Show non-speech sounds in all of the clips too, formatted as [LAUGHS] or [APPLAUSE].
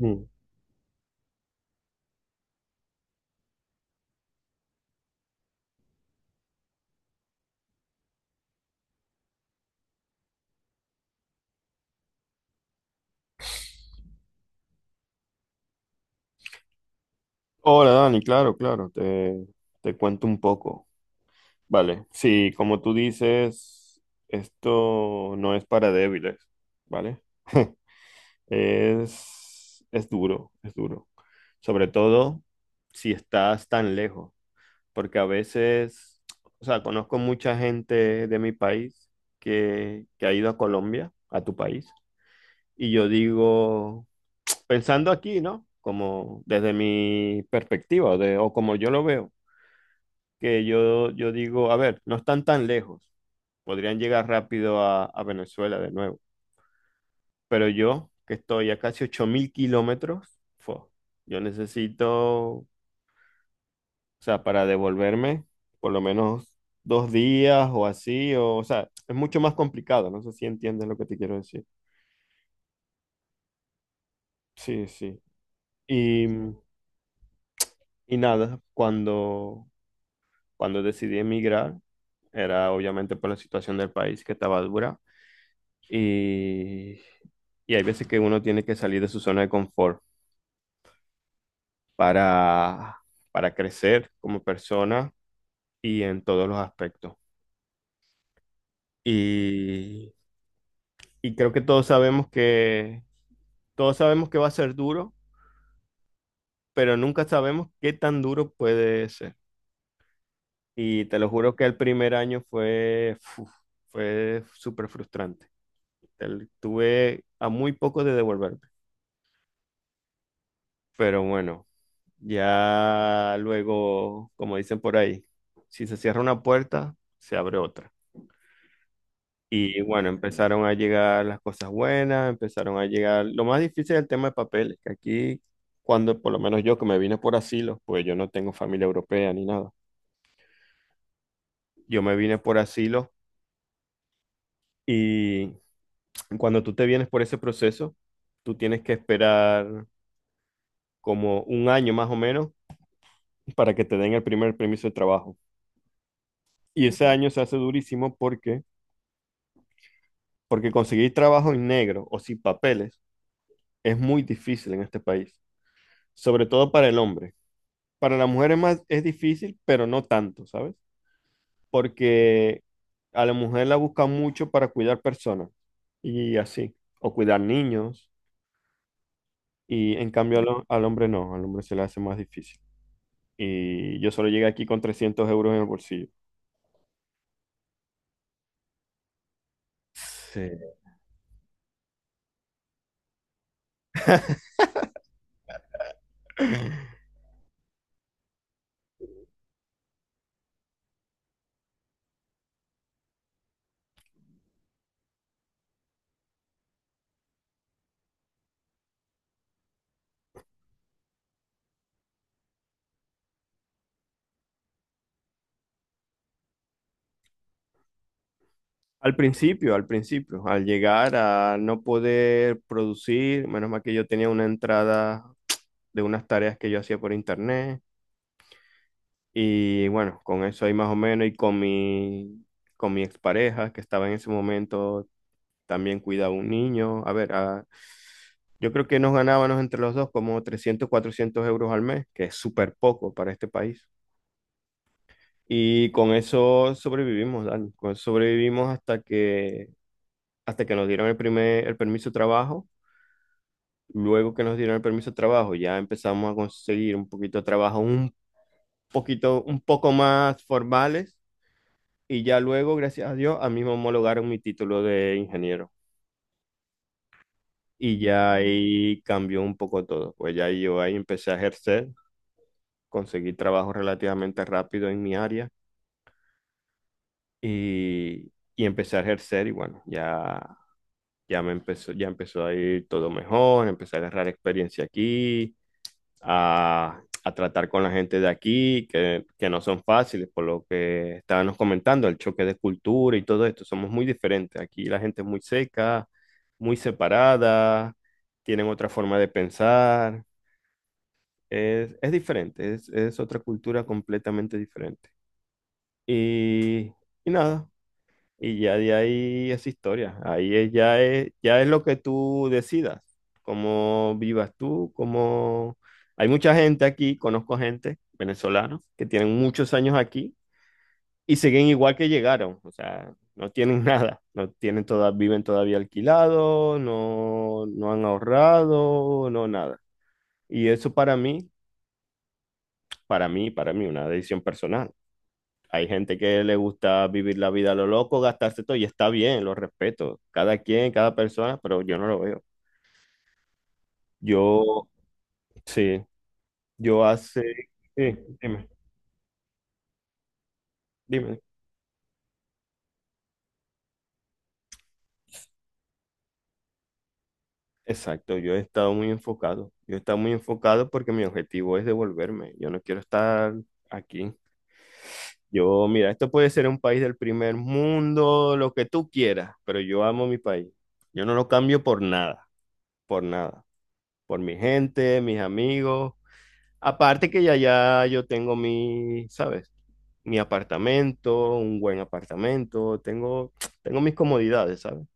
Mm. Hola Dani, claro, claro, te cuento un poco. Vale, sí, como tú dices, esto no es para débiles, ¿vale? Es duro, es duro. Sobre todo si estás tan lejos, porque a veces, o sea, conozco mucha gente de mi país que ha ido a Colombia, a tu país, y yo digo, pensando aquí, ¿no? Como desde mi perspectiva o como yo lo veo. Que yo digo, a ver, no están tan lejos, podrían llegar rápido a Venezuela de nuevo, pero yo, que estoy a casi 8.000 kilómetros, yo necesito, o sea, para devolverme, por lo menos 2 días o así, o sea, es mucho más complicado, no sé si entiendes lo que te quiero decir. Sí, sí. Y, y nada, cuando decidí emigrar, era obviamente por la situación del país que estaba dura. Y, Y hay veces que uno tiene que salir de su zona de confort para, para crecer como persona y en todos los aspectos. Y, y creo que todos sabemos que va a ser duro, pero nunca sabemos qué tan duro puede ser. Y te lo juro que el primer año fue súper frustrante. Tuve a muy poco de devolver. Pero bueno, ya luego, como dicen por ahí, si se cierra una puerta, se abre otra. Y bueno, empezaron a llegar las cosas buenas, empezaron a llegar. Lo más difícil es el tema de papeles, que aquí, cuando por lo menos yo que me vine por asilo, pues yo no tengo familia europea ni nada. Yo me vine por asilo y cuando tú te vienes por ese proceso, tú tienes que esperar como un año más o menos para que te den el primer permiso de trabajo. Y ese año se hace durísimo porque conseguir trabajo en negro o sin papeles es muy difícil en este país, sobre todo para el hombre. Para la mujer es más, es difícil, pero no tanto, ¿sabes? Porque a la mujer la buscan mucho para cuidar personas y así, o cuidar niños, y en cambio al hombre no, al hombre se le hace más difícil. Y yo solo llegué aquí con 300 euros en el bolsillo. Sí. [LAUGHS] Al principio, al principio, al llegar a no poder producir, menos mal que yo tenía una entrada de unas tareas que yo hacía por internet y bueno, con eso ahí más o menos y con mi, expareja que estaba en ese momento también cuidaba un niño, a ver, yo creo que nos ganábamos entre los dos como 300, 400 euros al mes, que es súper poco para este país. Y con eso sobrevivimos, Dani, con eso sobrevivimos hasta que nos dieron el permiso de trabajo. Luego que nos dieron el permiso de trabajo, ya empezamos a conseguir un poquito de trabajo, un poquito, un poco más formales. Y ya luego, gracias a Dios, a mí me homologaron mi título de ingeniero. Y ya ahí cambió un poco todo. Pues ya yo ahí empecé a ejercer, conseguí trabajo relativamente rápido en mi área y empecé a ejercer y bueno, ya empezó a ir todo mejor, empecé a agarrar experiencia aquí a tratar con la gente de aquí, que no son fáciles, por lo que estábamos comentando, el choque de cultura y todo esto, somos muy diferentes. Aquí la gente es muy seca, muy separada, tienen otra forma de pensar, es diferente, es otra cultura completamente diferente. Y, y nada, y ya de ahí es historia. Ahí ya es lo que tú decidas, cómo vivas tú, cómo. Hay mucha gente aquí, conozco gente venezolana que tienen muchos años aquí y siguen igual que llegaron. O sea, no tienen [LAUGHS] nada, no tienen toda, viven todavía alquilados, no, no han ahorrado, no nada. Y eso para mí, para mí, para mí, una decisión personal. Hay gente que le gusta vivir la vida a lo loco, gastarse todo, y está bien, lo respeto. Cada quien, cada persona, pero yo no lo veo. Yo, sí, yo hace, sí, dime, dime. Exacto, yo he estado muy enfocado. Yo he estado muy enfocado porque mi objetivo es devolverme. Yo no quiero estar aquí. Yo, mira, esto puede ser un país del primer mundo, lo que tú quieras, pero yo amo mi país. Yo no lo cambio por nada, por nada. Por mi gente, mis amigos. Aparte que ya yo tengo mi, ¿sabes? Mi apartamento, un buen apartamento, tengo mis comodidades, ¿sabes?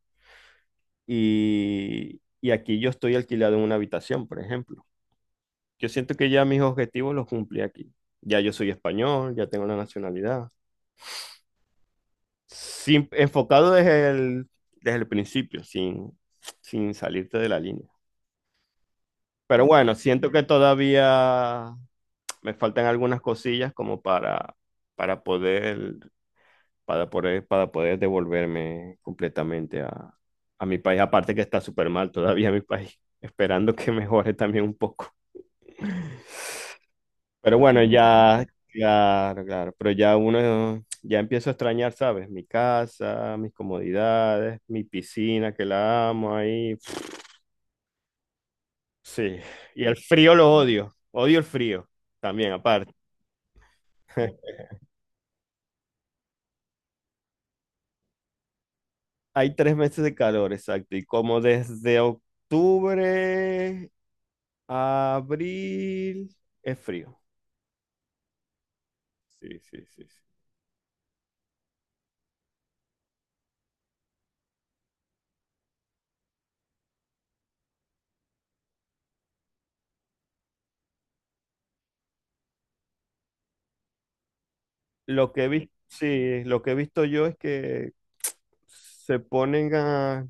Y aquí yo estoy alquilado en una habitación, por ejemplo. Yo siento que ya mis objetivos los cumplí aquí. Ya yo soy español, ya tengo la nacionalidad. Enfocado desde el principio, sin salirte de la línea. Pero bueno, siento que todavía me faltan algunas cosillas como para poder para poder devolverme completamente a mi país. Aparte que está súper mal todavía mi país, [LAUGHS] esperando que mejore también un poco. Pero bueno, ya, claro, claro, pero ya uno, ya empiezo a extrañar, ¿sabes? Mi casa, mis comodidades, mi piscina que la amo ahí. Sí, y el frío lo odio, odio el frío también, aparte. [LAUGHS] Hay 3 meses de calor, exacto, y como desde octubre abril es frío. Sí, sí, sí, sí. Lo que he visto, sí, lo que he visto yo es que se ponen a, o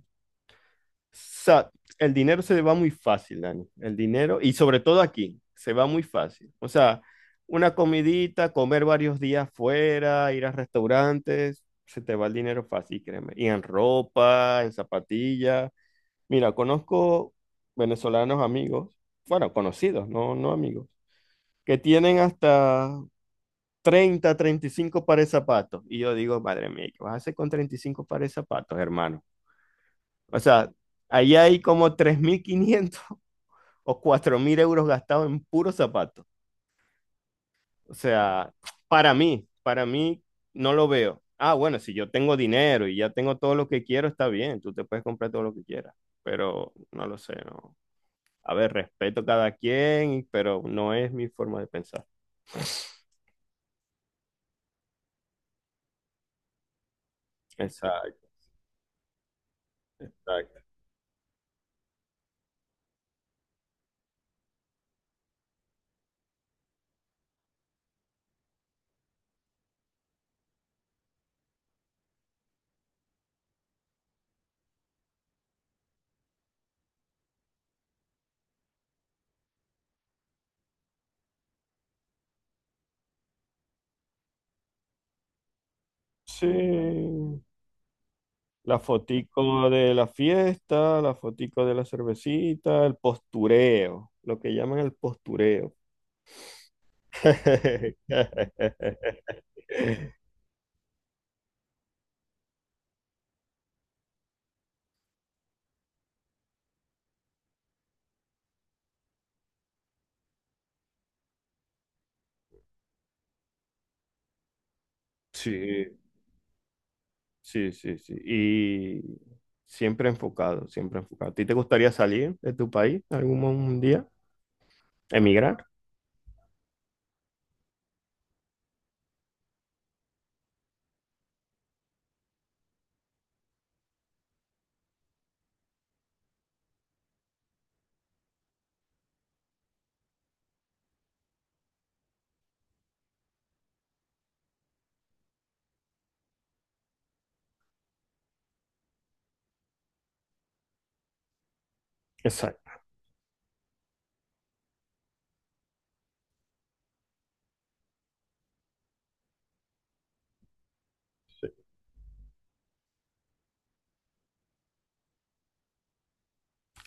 sea, el dinero se va muy fácil, Dani. El dinero, y sobre todo aquí, se va muy fácil. O sea, una comidita, comer varios días fuera, ir a restaurantes, se te va el dinero fácil, créeme. Y en ropa, en zapatillas. Mira, conozco venezolanos amigos, bueno, conocidos, no, no amigos que tienen hasta 30, 35 pares de zapatos. Y yo digo, madre mía, ¿qué vas a hacer con 35 pares de zapatos, hermano? O sea, ahí hay como 3.500 [LAUGHS] o 4.000 euros gastados en puros zapatos. O sea, para mí no lo veo. Ah, bueno, si yo tengo dinero y ya tengo todo lo que quiero, está bien, tú te puedes comprar todo lo que quieras, pero no lo sé, no. A ver, respeto cada quien, pero no es mi forma de pensar. [LAUGHS] Exacto, exacto. Sí, la fotico de la fiesta, la fotico de la cervecita, el postureo, lo que llaman el postureo. [LAUGHS] Sí, sí, sí, sí. Y siempre enfocado, siempre enfocado. ¿A ti te gustaría salir de tu país algún día? ¿Emigrar? Exacto,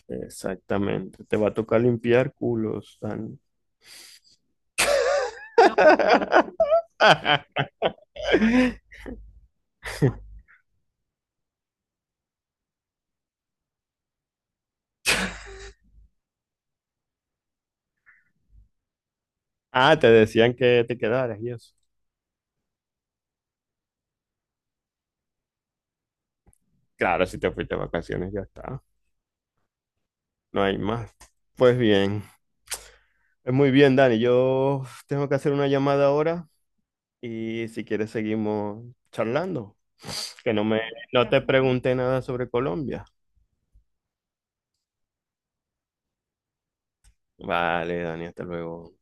exactamente. Te va a tocar limpiar culos, Dani. [LAUGHS] Ah, te decían que te quedaras y eso. Claro, si te fuiste de vacaciones, ya está. No hay más. Pues bien, es muy bien, Dani. Yo tengo que hacer una llamada ahora y si quieres seguimos charlando. Que no me, no te pregunté nada sobre Colombia. Vale, Dani, hasta luego.